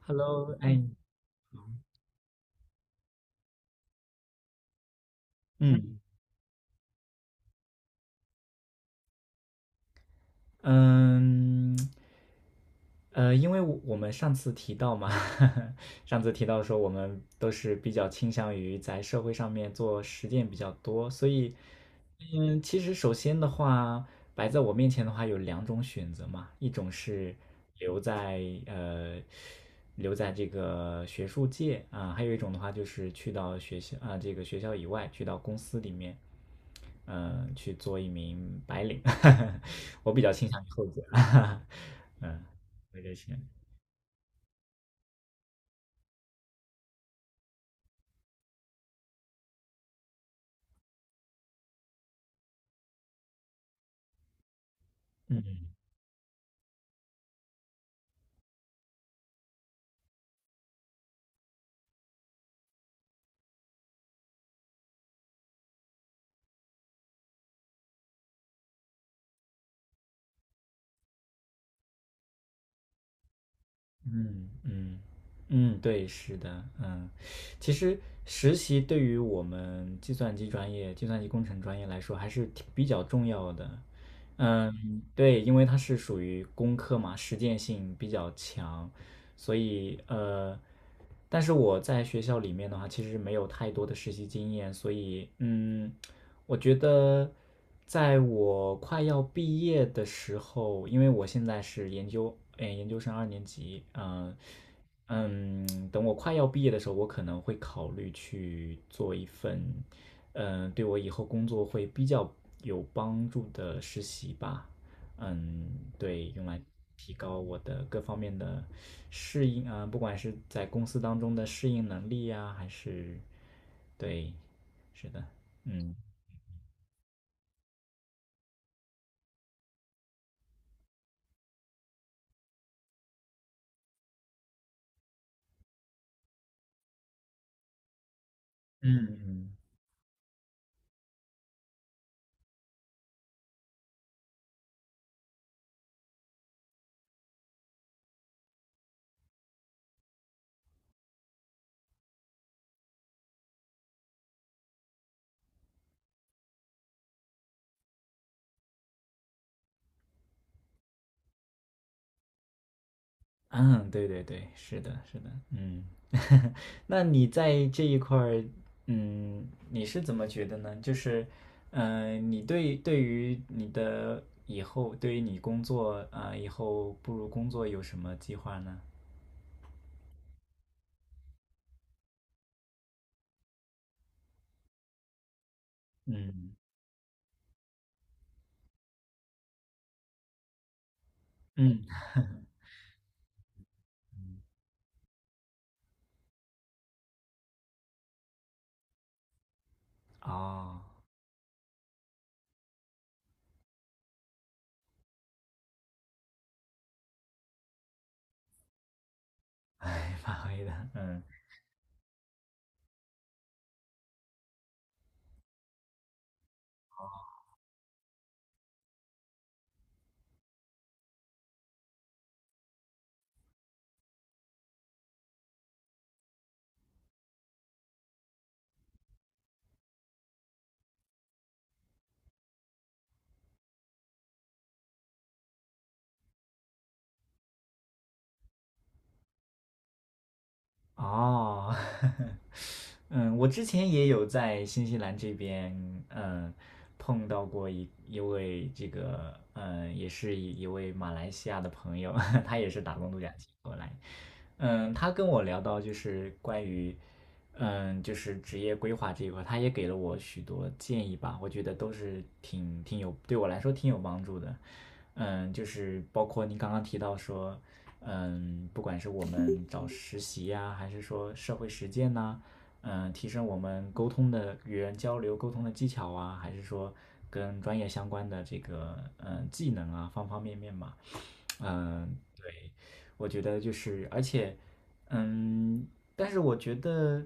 Hello，哎，嗯，嗯，因为我们上次提到嘛，上次提到说我们都是比较倾向于在社会上面做实践比较多，所以，嗯，其实首先的话，摆在我面前的话有两种选择嘛，一种是留在留在这个学术界啊，还有一种的话就是去到学校啊这个学校以外，去到公司里面。嗯，去做一名白领，我比较倾向于后者，嗯，我得些，嗯嗯嗯嗯，对，是的，嗯，其实实习对于我们计算机专业、计算机工程专业来说还是挺比较重要的，嗯，对，因为它是属于工科嘛，实践性比较强，所以但是我在学校里面的话，其实没有太多的实习经验，所以嗯，我觉得在我快要毕业的时候，因为我现在是研究，哎，研究生二年级，嗯，等我快要毕业的时候，我可能会考虑去做一份，嗯，对我以后工作会比较有帮助的实习吧。嗯，对，用来提高我的各方面的适应啊，不管是在公司当中的适应能力呀，还是，对，是的，嗯嗯嗯，对对对，是的，是的，嗯，那你在这一块儿，嗯，你是怎么觉得呢？就是，嗯，你对于你的以后，对于你工作啊，以后步入工作有什么计划呢？嗯嗯，哦，哎，发挥的，嗯。哦，嗯，我之前也有在新西兰这边，嗯，碰到过一位这个，嗯，也是一位马来西亚的朋友，他也是打工度假期过来。嗯，他跟我聊到就是关于，嗯，就是职业规划这一块，他也给了我许多建议吧，我觉得都是挺挺有对我来说挺有帮助的。嗯，就是包括您刚刚提到说，嗯，不管是我们找实习呀、还是说社会实践呐、嗯，提升我们沟通的与人交流沟通的技巧啊，还是说跟专业相关的这个嗯技能啊，方方面面嘛，嗯，对，我觉得就是，而且，嗯，但是我觉得，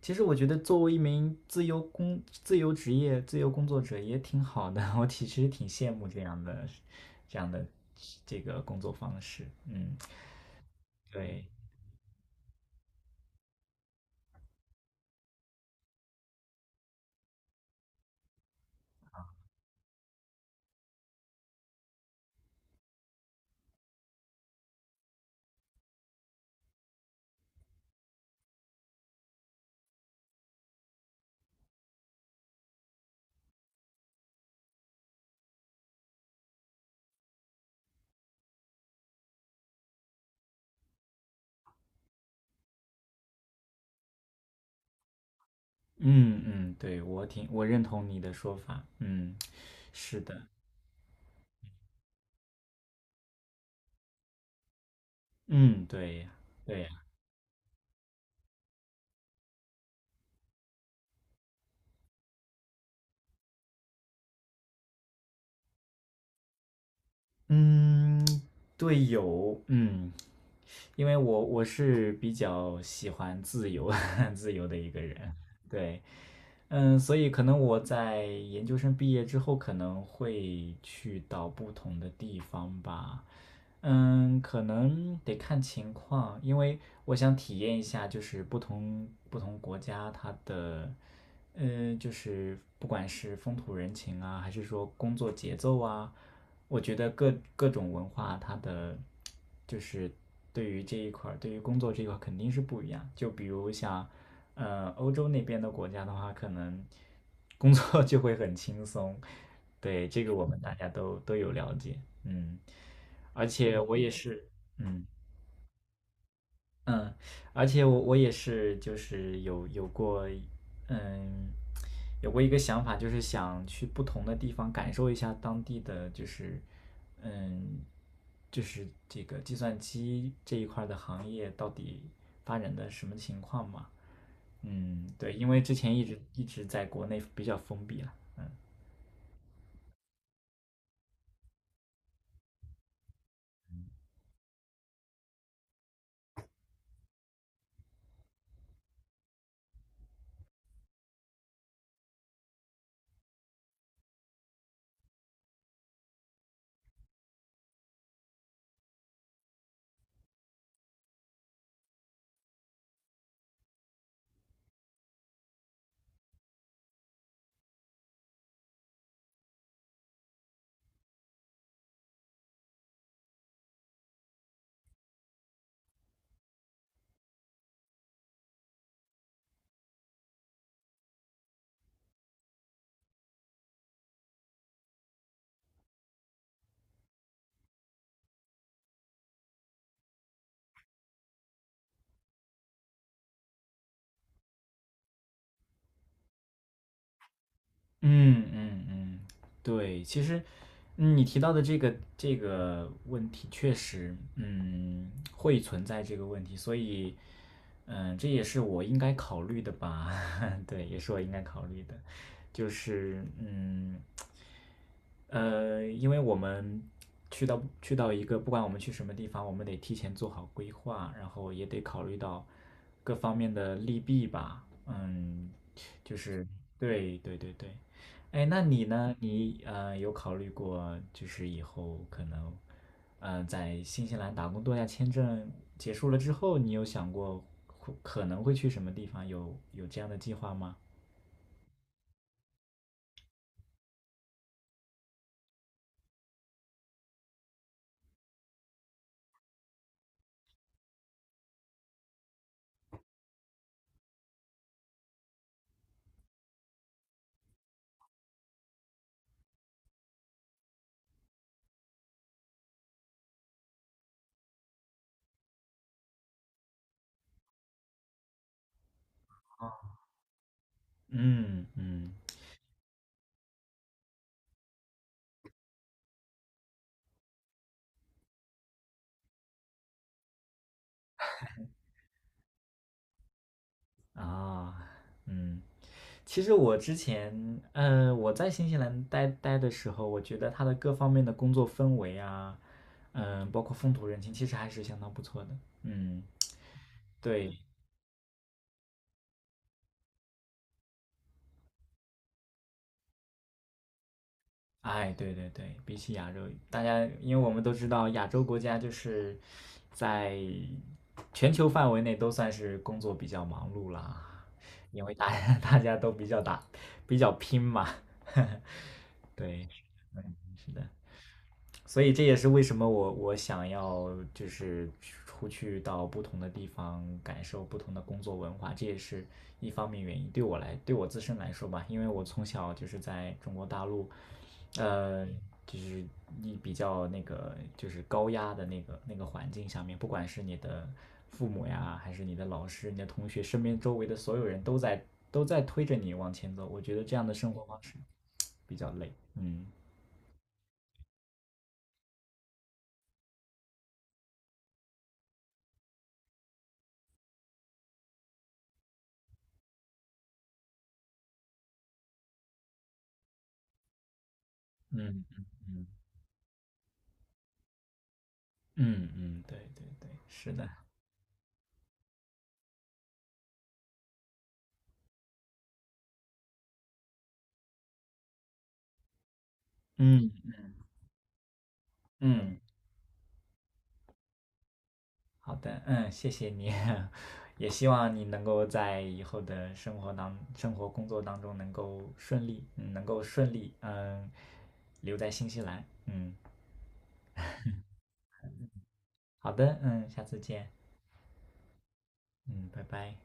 其实我觉得作为一名自由工、自由职业、自由工作者也挺好的，我其实挺羡慕这样的、这样的这个工作方式。嗯，对，嗯嗯，对，我挺我认同你的说法。嗯，是的，嗯，对呀，对呀，嗯，对，有，嗯，因为我是比较喜欢自由 自由的一个人，对，嗯，所以可能我在研究生毕业之后，可能会去到不同的地方吧，嗯，可能得看情况，因为我想体验一下，就是不同国家它的，就是不管是风土人情啊，还是说工作节奏啊，我觉得各各种文化它的，就是对于这一块儿，对于工作这一块儿肯定是不一样。就比如像，欧洲那边的国家的话，可能工作 就会很轻松，对，这个我们大家都有了解，嗯。而且我也是，嗯嗯，而且我也是，就是有有过，嗯，有过一个想法，就是想去不同的地方感受一下当地的，就是嗯，就是这个计算机这一块儿的行业到底发展的什么情况嘛？嗯，对，因为之前一直在国内比较封闭了，嗯嗯嗯，对，其实，嗯你提到的这个问题，确实，嗯，会存在这个问题，所以，嗯，这也是我应该考虑的吧？对，也是我应该考虑的，就是，嗯。因为我们去到一个，不管我们去什么地方，我们得提前做好规划，然后也得考虑到各方面的利弊吧。嗯，就是对对对对。哎，那你呢？你有考虑过，就是以后可能，在新西兰打工度假签证结束了之后，你有想过会可能会去什么地方？有有这样的计划吗？嗯嗯啊嗯。其实我之前，我在新西兰待的时候，我觉得它的各方面的工作氛围啊，嗯、包括风土人情，其实还是相当不错的。嗯，对，哎，对对对，比起亚洲，大家因为我们都知道，亚洲国家就是在全球范围内都算是工作比较忙碌啦，因为大家 大家都比较打比较拼嘛。对，所以这也是为什么我想要就是出去到不同的地方，感受不同的工作文化，这也是一方面原因。对我来，对我自身来说吧，因为我从小就是在中国大陆，呃，就是你比较那个就是高压的那个环境下面，不管是你的父母呀，还是你的老师、你的同学，身边周围的所有人都在都在推着你往前走。我觉得这样的生活方式比较累。嗯嗯嗯嗯。嗯嗯，对对对，是的，嗯嗯，好的，嗯，谢谢你，也希望你能够在以后的生活当、生活工作当中能够顺利，嗯，能够顺利，嗯，留在新西兰，嗯，好的，嗯，下次见，嗯，拜拜。